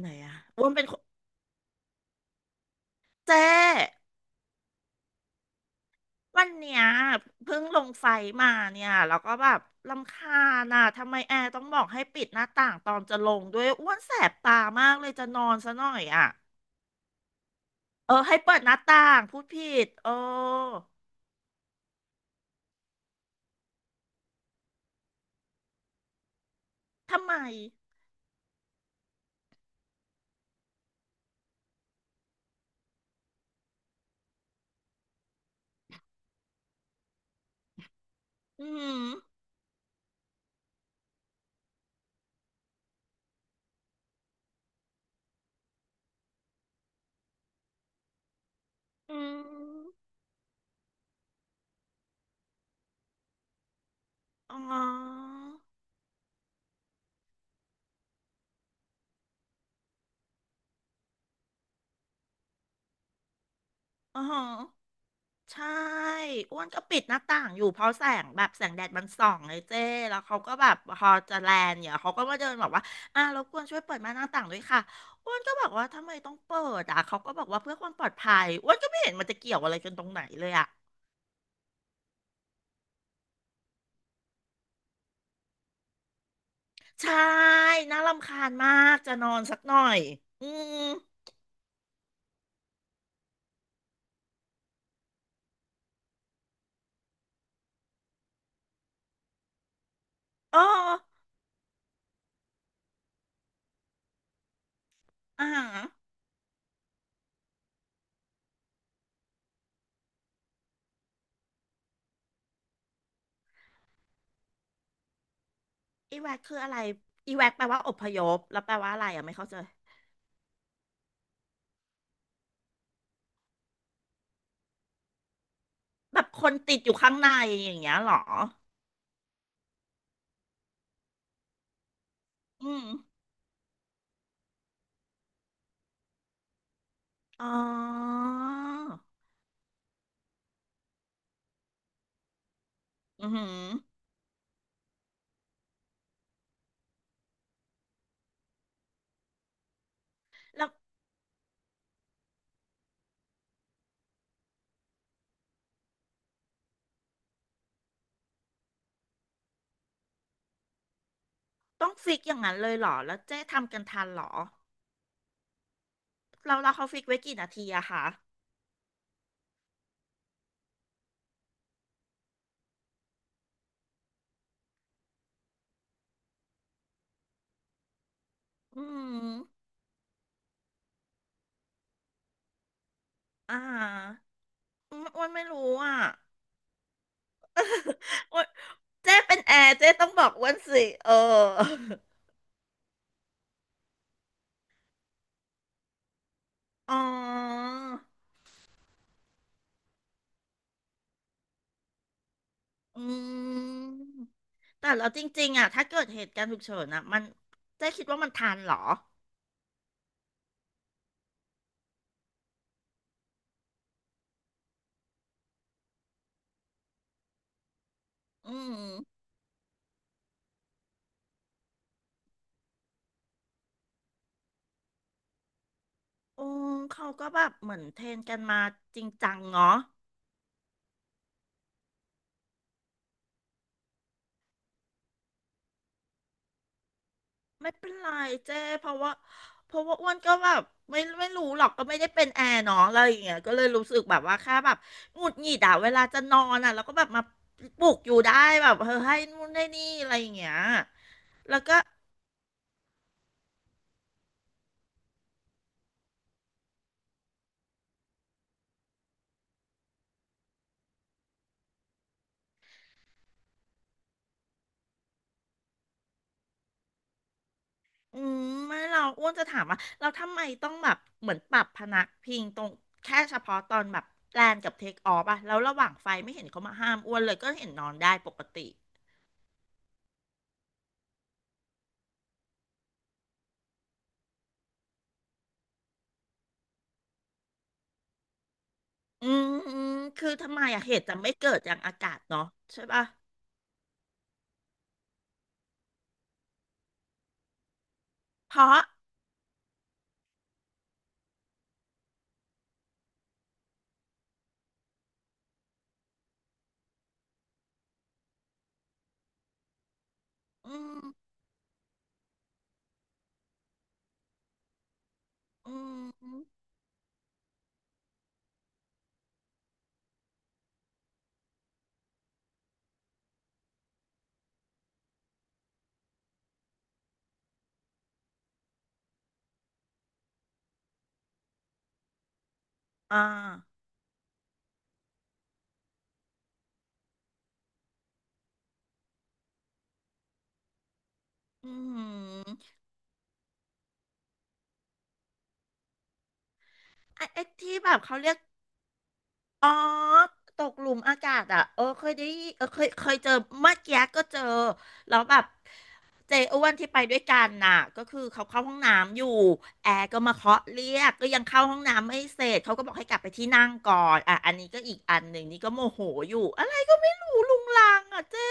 ไหนอะอ้วนเป็นคนเจ๊วันเนี้ยเพิ่งลงไฟมาเนี่ยแล้วก็แบบรำคาญอะทำไมแอร์ต้องบอกให้ปิดหน้าต่างตอนจะลงด้วยอ้วนแสบตามากเลยจะนอนซะหน่อยอะเออให้เปิดหน้าต่างพูดผิดเออทำไมอืมอหืออืมอ๋ออ๋อ ใช่อ้วนก็ปิดหน้าต่างอยู่เพราะแสงแบบแสงแดดมันส่องเลยเจ้แล้วเขาก็แบบพอจะแลนเนี่ยเขาก็มาเดินบอกว่าอ่ารบกวนช่วยเปิดม่านหน้าต่างด้วยค่ะอ้วนก็บอกว่าทำไมต้องเปิดอ่ะเขาก็บอกว่าเพื่อความปลอดภัยอ้วนก็ไม่เห็นมันจะเกี่ยวอะไรกันตรงไหนเลยอ่ะใช่น่ารำคาญมากจะนอนสักหน่อยอืมอ๋ออ่าอีแวกคืออะไรอีแวกแปลว่าอพยพแล้วแปลว่าอะไรอ่ะไม่เข้าใจแบบคนติดอยู่ข้างในอย่างเงี้ยเหรออืม อ๋ออือหือแล้วต้องฟิกอย่างนั้นเลยเหรอแล้วเจ๊ทำกันทันเหรอ เราเขาฟิกไว้กี่นาทีอะคะอืมอ่าอมอ้วนไม่รู้อะอ้วนเจ๊เป็นแอร์เจ๊ต้องบอกอ้วนสิเอออ๋ออืม แต่เราจริงๆอะถ้าเกิดเหตุการณ์ฉุกเฉินอะมันเจ๊คิดว่ามันทันเหรออืมอืมเขาก็แบบเหมือนเทรนกันมาจริงจังเนาะ ไม่เป็นไรเจ้เพราะว่าเพราะว่าอ้วนก็แบบไม่รู้หรอกก็ไม่ได้เป็นแอร์เนาะอะไรอย่างเงี้ยก็เลยรู้สึกแบบว่าแค่แบบหงุดหงิดอะเวลาจะนอนอะแล้วก็แบบมาปลุกอยู่ได้แบบเออให้นู่นให้นี่อะไรอย่างเงี้ยแล้วก็อืมไม่เราอ้วนจะถามว่าเราทำไมต้องแบบเหมือนปรับพนักพิงตรงแค่เฉพาะตอนแบบแลนกับเทคออฟอะแล้วระหว่างไฟไม่เห็นเขามาห้ามอ้วนเลยก็เห็นนอนได้ปกติอืมอืมคือทำไมอะเหตุจะไม่เกิดอย่างอากาศเนาะใช่ปะ เพราะอืมอืมอ่าอืมไอ้ที่แบบเขาเรียกอ๋อตกหลุมอากาศอ่ะเออเคยได้ยินเออเคยเจอเมื่อกี้ก็เจอแล้วแบบเจอ้วนที่ไปด้วยกันน่ะก็คือเขาเข้าห้องน้ำอยู่แอร์ก็มาเคาะเรียกก็ยังเข้าห้องน้ำไม่เสร็จเขาก็บอกให้กลับไปที่นั่งก่อนอ่ะอันนี้ก็อีกอันหนึ่งนี่ก็โมโหอยู่อะไรก็ไม่รู้ลุงลังอ่ะเจ๊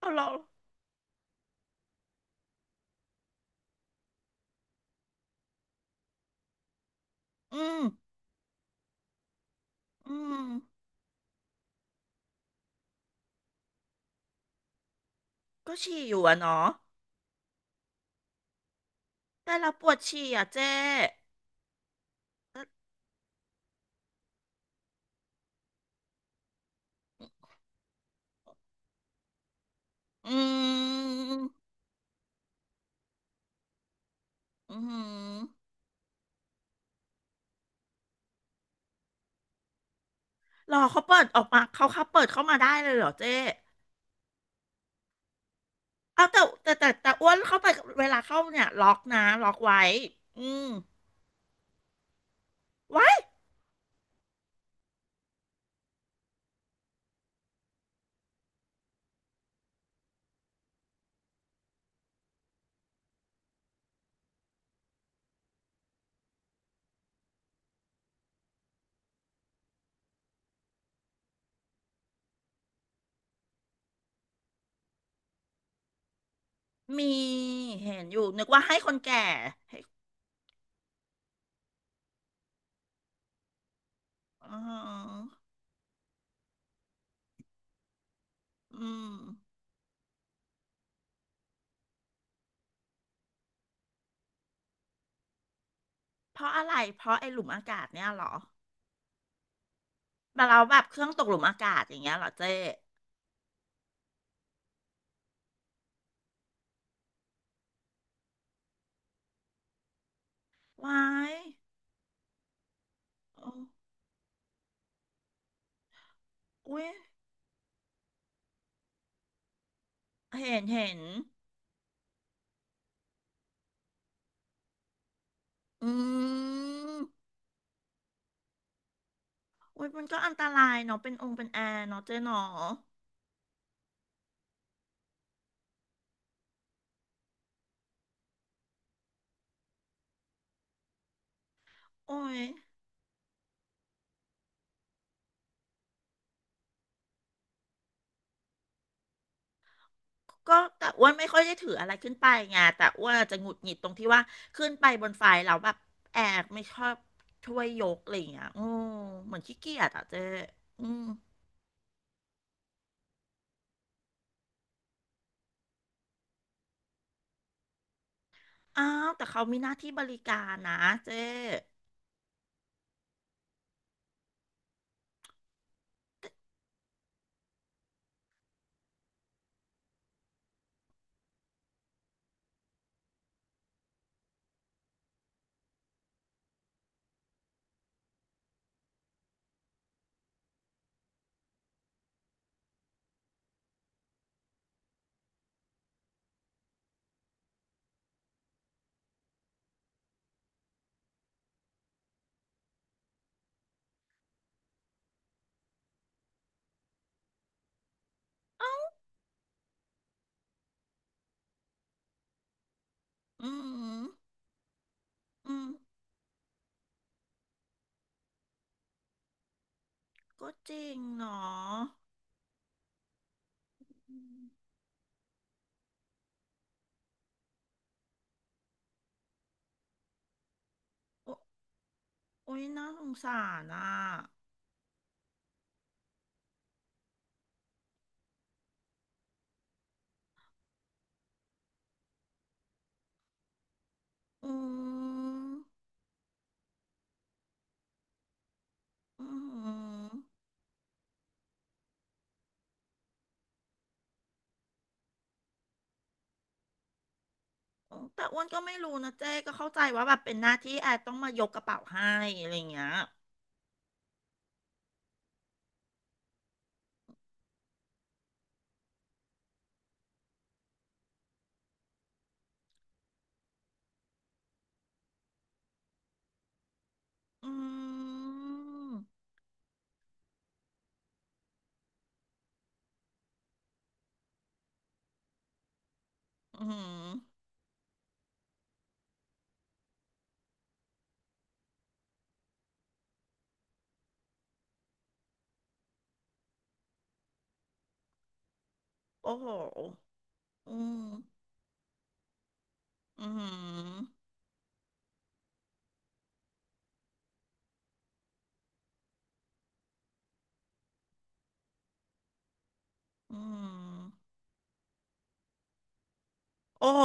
เอาเราอืมอืมก็ฉี่อยู่อะเนาะ แต่เราปวดฉี่อ่ะเจ๊อืมอืมรอเขาเปิดออกมาเขาเปิดเข้ามาได้เลยเหรอเจ๊เอาแต่อ้วนเข้าไปเวลาเข้าเนี่ยล็อกนะล็อกไว้อืมไว้มีเห็นอยู่นึกว่าให้คนแก่ให้อ๋ออืมเพราะอะไรเพราะไอ้หลุมอากาศเนี่ยเหรอแบบเราแบบเครื่องตกหลุมอากาศอย่างเงี้ยเหรอเจ๊ไว้อ๋ออุ้ยเห็นเห็นอืม โอ้ยมันก็อันตรายเนาะเป็นองค์เป็นแอร์เนาะเจ๊หนอโอ้ยก็แต่อ้วนไม่ค่อยได้ถืออะไรขึ้นไปไงแต่อ้วนอาจจะหงุดหงิดตรงที่ว่าขึ้นไปบนไฟเราแล้วแบบแอร์ไม่ชอบช่วยยกอะไรอย่างเงี้ยอืมเหมือนขี้เกียจอ่ะเจ๊อืมอ้าวแต่เขามีหน้าที่บริการนะเจ๊อืมอืมก็จริงเนาะอืมโอโอ้ยน่าสงสารอ่ะอืมอืม แต่อ้วนก็ไม่รู้นะเจ๊ก็เข้าใจว่าแบบเป็นหน้าที่แอดต้องมายกกระเป๋าให้อะไรอย่างเงี้ยอืมอืมโอ้โหอืมอืมอืมโอ้โห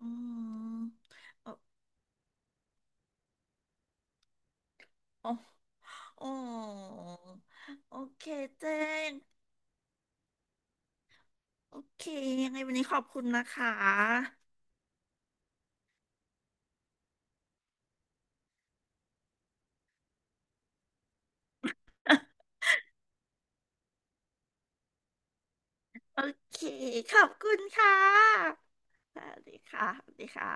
อืมโอ้โอ้โอ้โอเคเจ๊โอเคยังไงวันนี้ขอบคุณนะคะ โอเคขอบคุณค่ะสวัสดีค่ะสวัสดีค่ะ